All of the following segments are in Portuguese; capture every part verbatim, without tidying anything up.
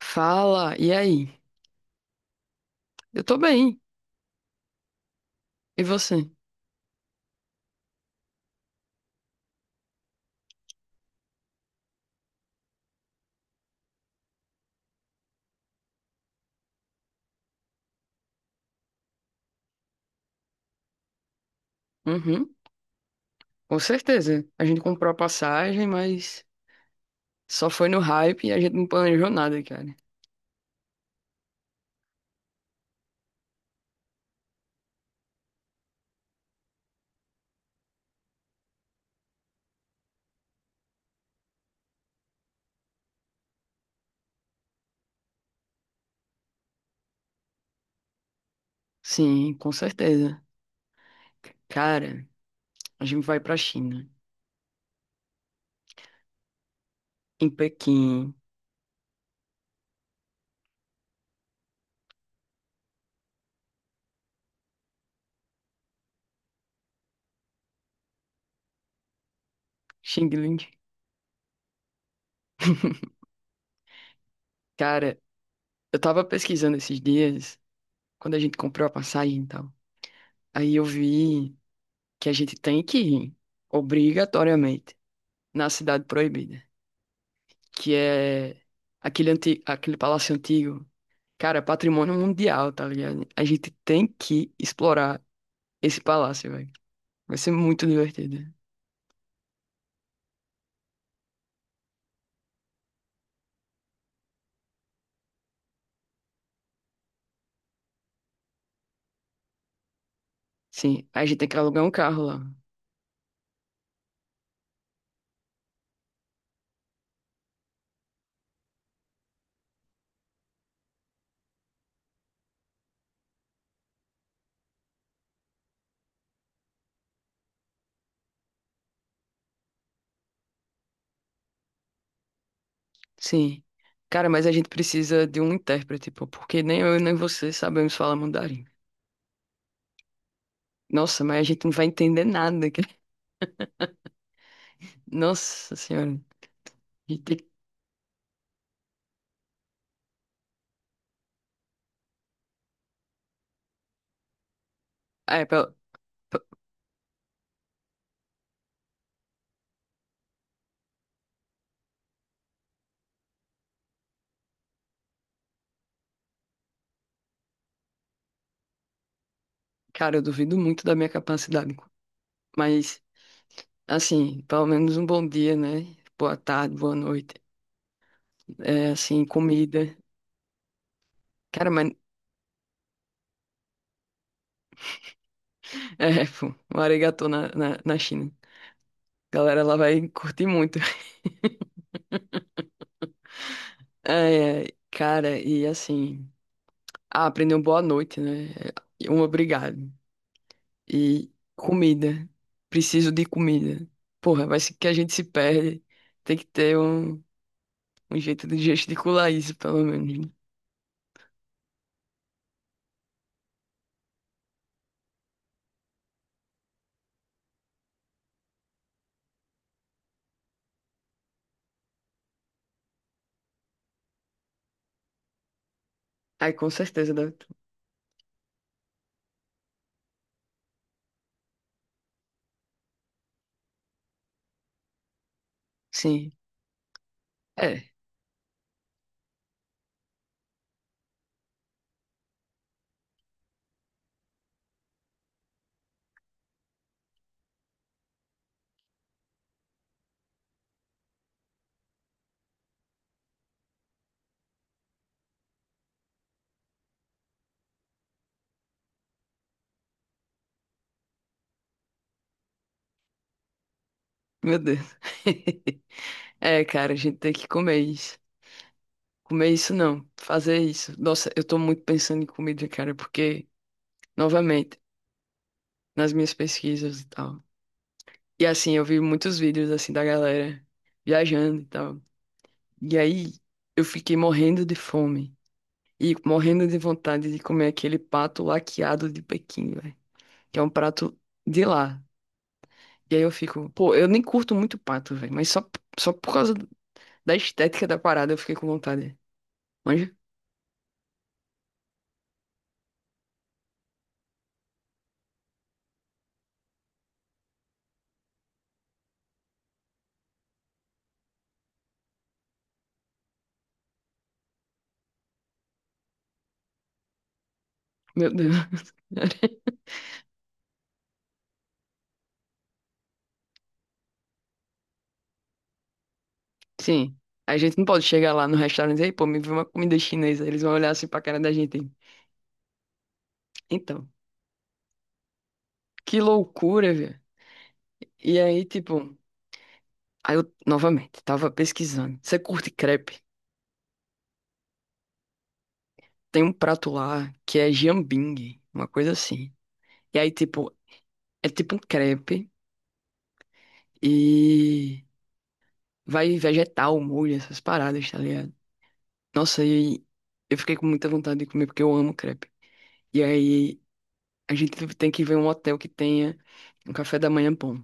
Fala, e aí? Eu tô bem. E você? Uhum, com certeza. A gente comprou a passagem, mas só foi no hype e a gente não planejou nada, cara. Sim, com certeza. Cara, a gente vai pra China, em Pequim, Xinglin. Cara, eu tava pesquisando esses dias, quando a gente comprou a passagem e tal. Aí eu vi que a gente tem que ir, obrigatoriamente, na Cidade Proibida, que é aquele, anti... aquele palácio antigo. Cara, é patrimônio mundial, tá ligado? A gente tem que explorar esse palácio, velho. Vai ser muito divertido. Sim, a gente tem que alugar um carro lá. Sim. Cara, mas a gente precisa de um intérprete, pô, porque nem eu nem você sabemos falar mandarim. Nossa, mas a gente não vai entender nada, cara. Nossa senhora. A gente tem... que- É, pe- pe- Cara, eu duvido muito da minha capacidade, mas, assim, pelo menos um bom dia, né? Boa tarde, boa noite. É, assim, comida. Cara, mas. É, pô, um arigatô na, na, na China. Galera, ela vai curtir muito. É, é, cara, e assim, ah, aprendeu boa noite, né? E um obrigado. E comida. Preciso de comida. Porra, vai ser que a gente se perde. Tem que ter um, um jeito de gesticular isso, pelo menos, né? Ai, com certeza, deve ter. Sim. É, meu Deus. É, cara, a gente tem que comer isso. Comer isso não, fazer isso. Nossa, eu tô muito pensando em comida, cara, porque, novamente, nas minhas pesquisas e tal. E assim, eu vi muitos vídeos assim da galera viajando e tal. E aí eu fiquei morrendo de fome e morrendo de vontade de comer aquele pato laqueado de Pequim, velho, que é um prato de lá. E aí eu fico, pô, eu nem curto muito pato, velho, mas só só por causa da estética da parada eu fiquei com vontade. Manja? Meu Deus. Sim. A gente não pode chegar lá no restaurante e dizer, "Ei, pô, me vê uma comida chinesa." Eles vão olhar assim pra cara da gente. Então, que loucura, velho. E aí, tipo, aí eu novamente tava pesquisando. Você curte crepe? Tem um prato lá que é jambing, uma coisa assim. E aí, tipo, é tipo um crepe e vai vegetal, molho, essas paradas, tá ligado? Nossa, e eu fiquei com muita vontade de comer porque eu amo crepe. E aí, a gente tem que ver um hotel que tenha um café da manhã bom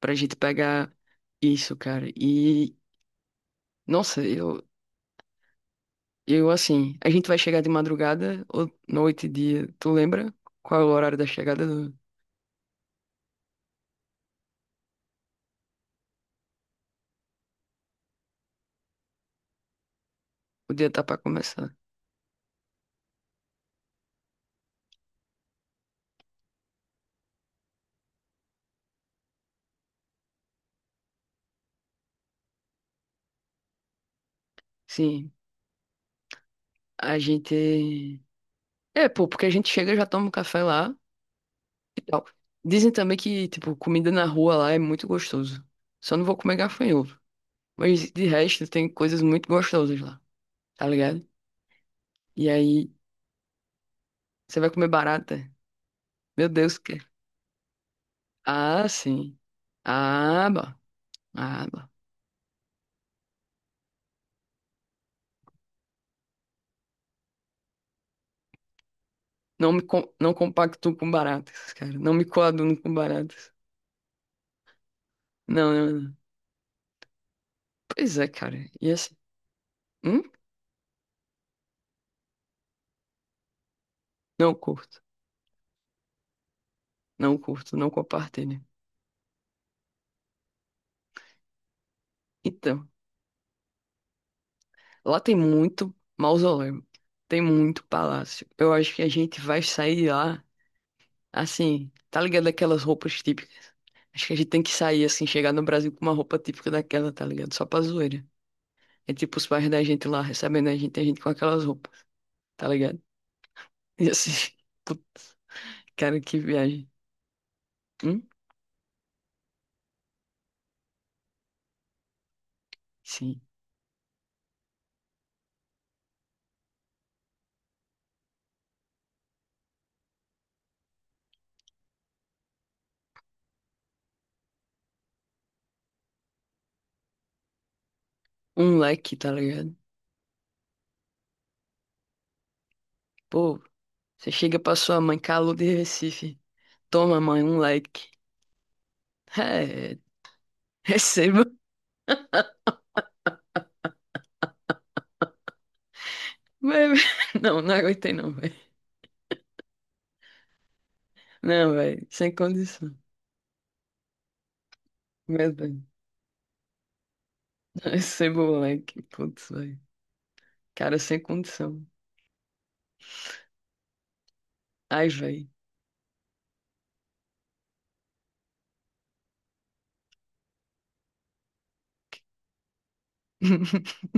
pra gente pegar isso, cara. E, nossa, eu Eu, assim, a gente vai chegar de madrugada ou noite dia. Tu lembra qual é o horário da chegada do o dia tá pra começar? Sim, a gente. É, pô, porque a gente chega, já toma um café lá e tal. Dizem também que, tipo, comida na rua lá é muito gostoso. Só não vou comer gafanhoto. Mas de resto, tem coisas muito gostosas lá, tá ligado? E aí, você vai comer barata? Meu Deus, que. Ah, sim. Ah, bah. Ah, bah. Não me com- não compacto com baratas, cara. Não me coaduno com baratas. Não, não, não. Pois é, cara. E assim, hum? Não curto. Não curto, não compartilho. Então, lá tem muito mausoléu. Tem muito palácio. Eu acho que a gente vai sair de lá, assim, tá ligado aquelas roupas típicas? Acho que a gente tem que sair, assim, chegar no Brasil com uma roupa típica daquela, tá ligado? Só pra zoeira. É tipo os pais da gente lá recebendo a gente, a gente com aquelas roupas, tá ligado? E assim, put- cara, que viagem. Hum? Sim. Um leque, tá ligado? Pô, você chega pra sua mãe, calor de Recife. Toma, mãe, um leque. É, receba. Mas- Não, não aguentei não, velho. Não, velho, sem condição. Meu Deus. Receba o leque, putz, velho. Cara, sem condição. Ai, velho.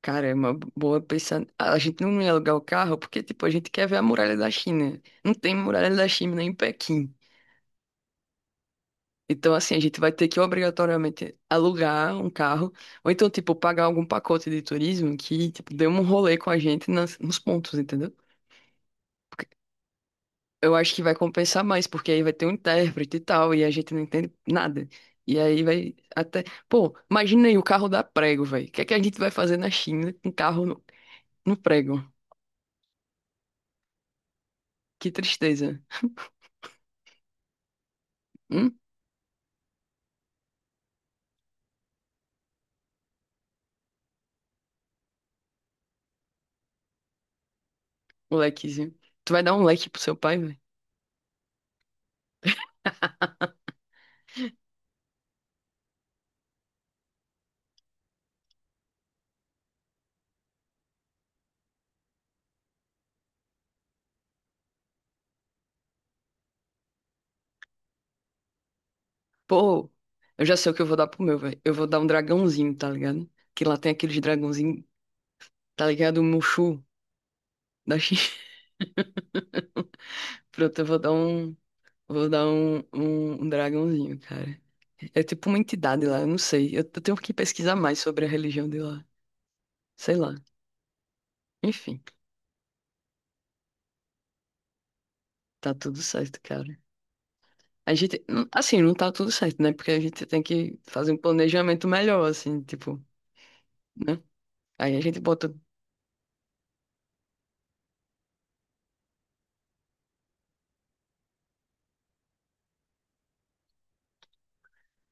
Cara, é uma boa pensar. A gente não ia alugar o carro porque, tipo, a gente quer ver a muralha da China. Não tem muralha da China em Pequim. Então, assim, a gente vai ter que obrigatoriamente alugar um carro, ou então, tipo, pagar algum pacote de turismo que, tipo, dê um rolê com a gente nas- nos pontos, entendeu? Porque eu acho que vai compensar mais, porque aí vai ter um intérprete e tal, e a gente não entende nada. E aí vai até. Pô, imagina aí o carro dá prego, velho. O que é que a gente vai fazer na China com carro no, no prego? Que tristeza. Hum, Molequezinho. Tu vai dar um leque pro seu pai. Pô, eu já sei o que eu vou dar pro meu, velho. Eu vou dar um dragãozinho, tá ligado? Que lá tem aqueles dragãozinhos, tá ligado? O Mushu da China. Pronto, eu vou dar um. Vou dar um, um, um dragãozinho, cara. É tipo uma entidade lá, eu não sei. Eu, eu tenho que pesquisar mais sobre a religião de lá. Sei lá. Enfim, tá tudo certo, cara. A gente. Não- Assim, não tá tudo certo, né? Porque a gente tem que fazer um planejamento melhor, assim, tipo, né? Aí a gente bota.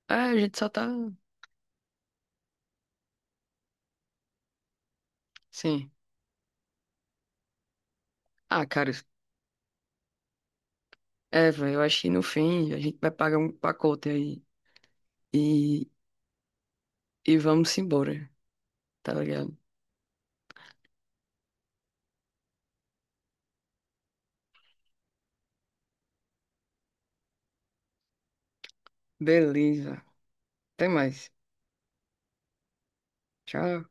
Ah, a gente só tá. Sim. Ah, cara. É, velho, eu acho que no fim a gente vai pagar um pacote aí. E, e vamos embora, tá ligado? Beleza. Até mais. Tchau.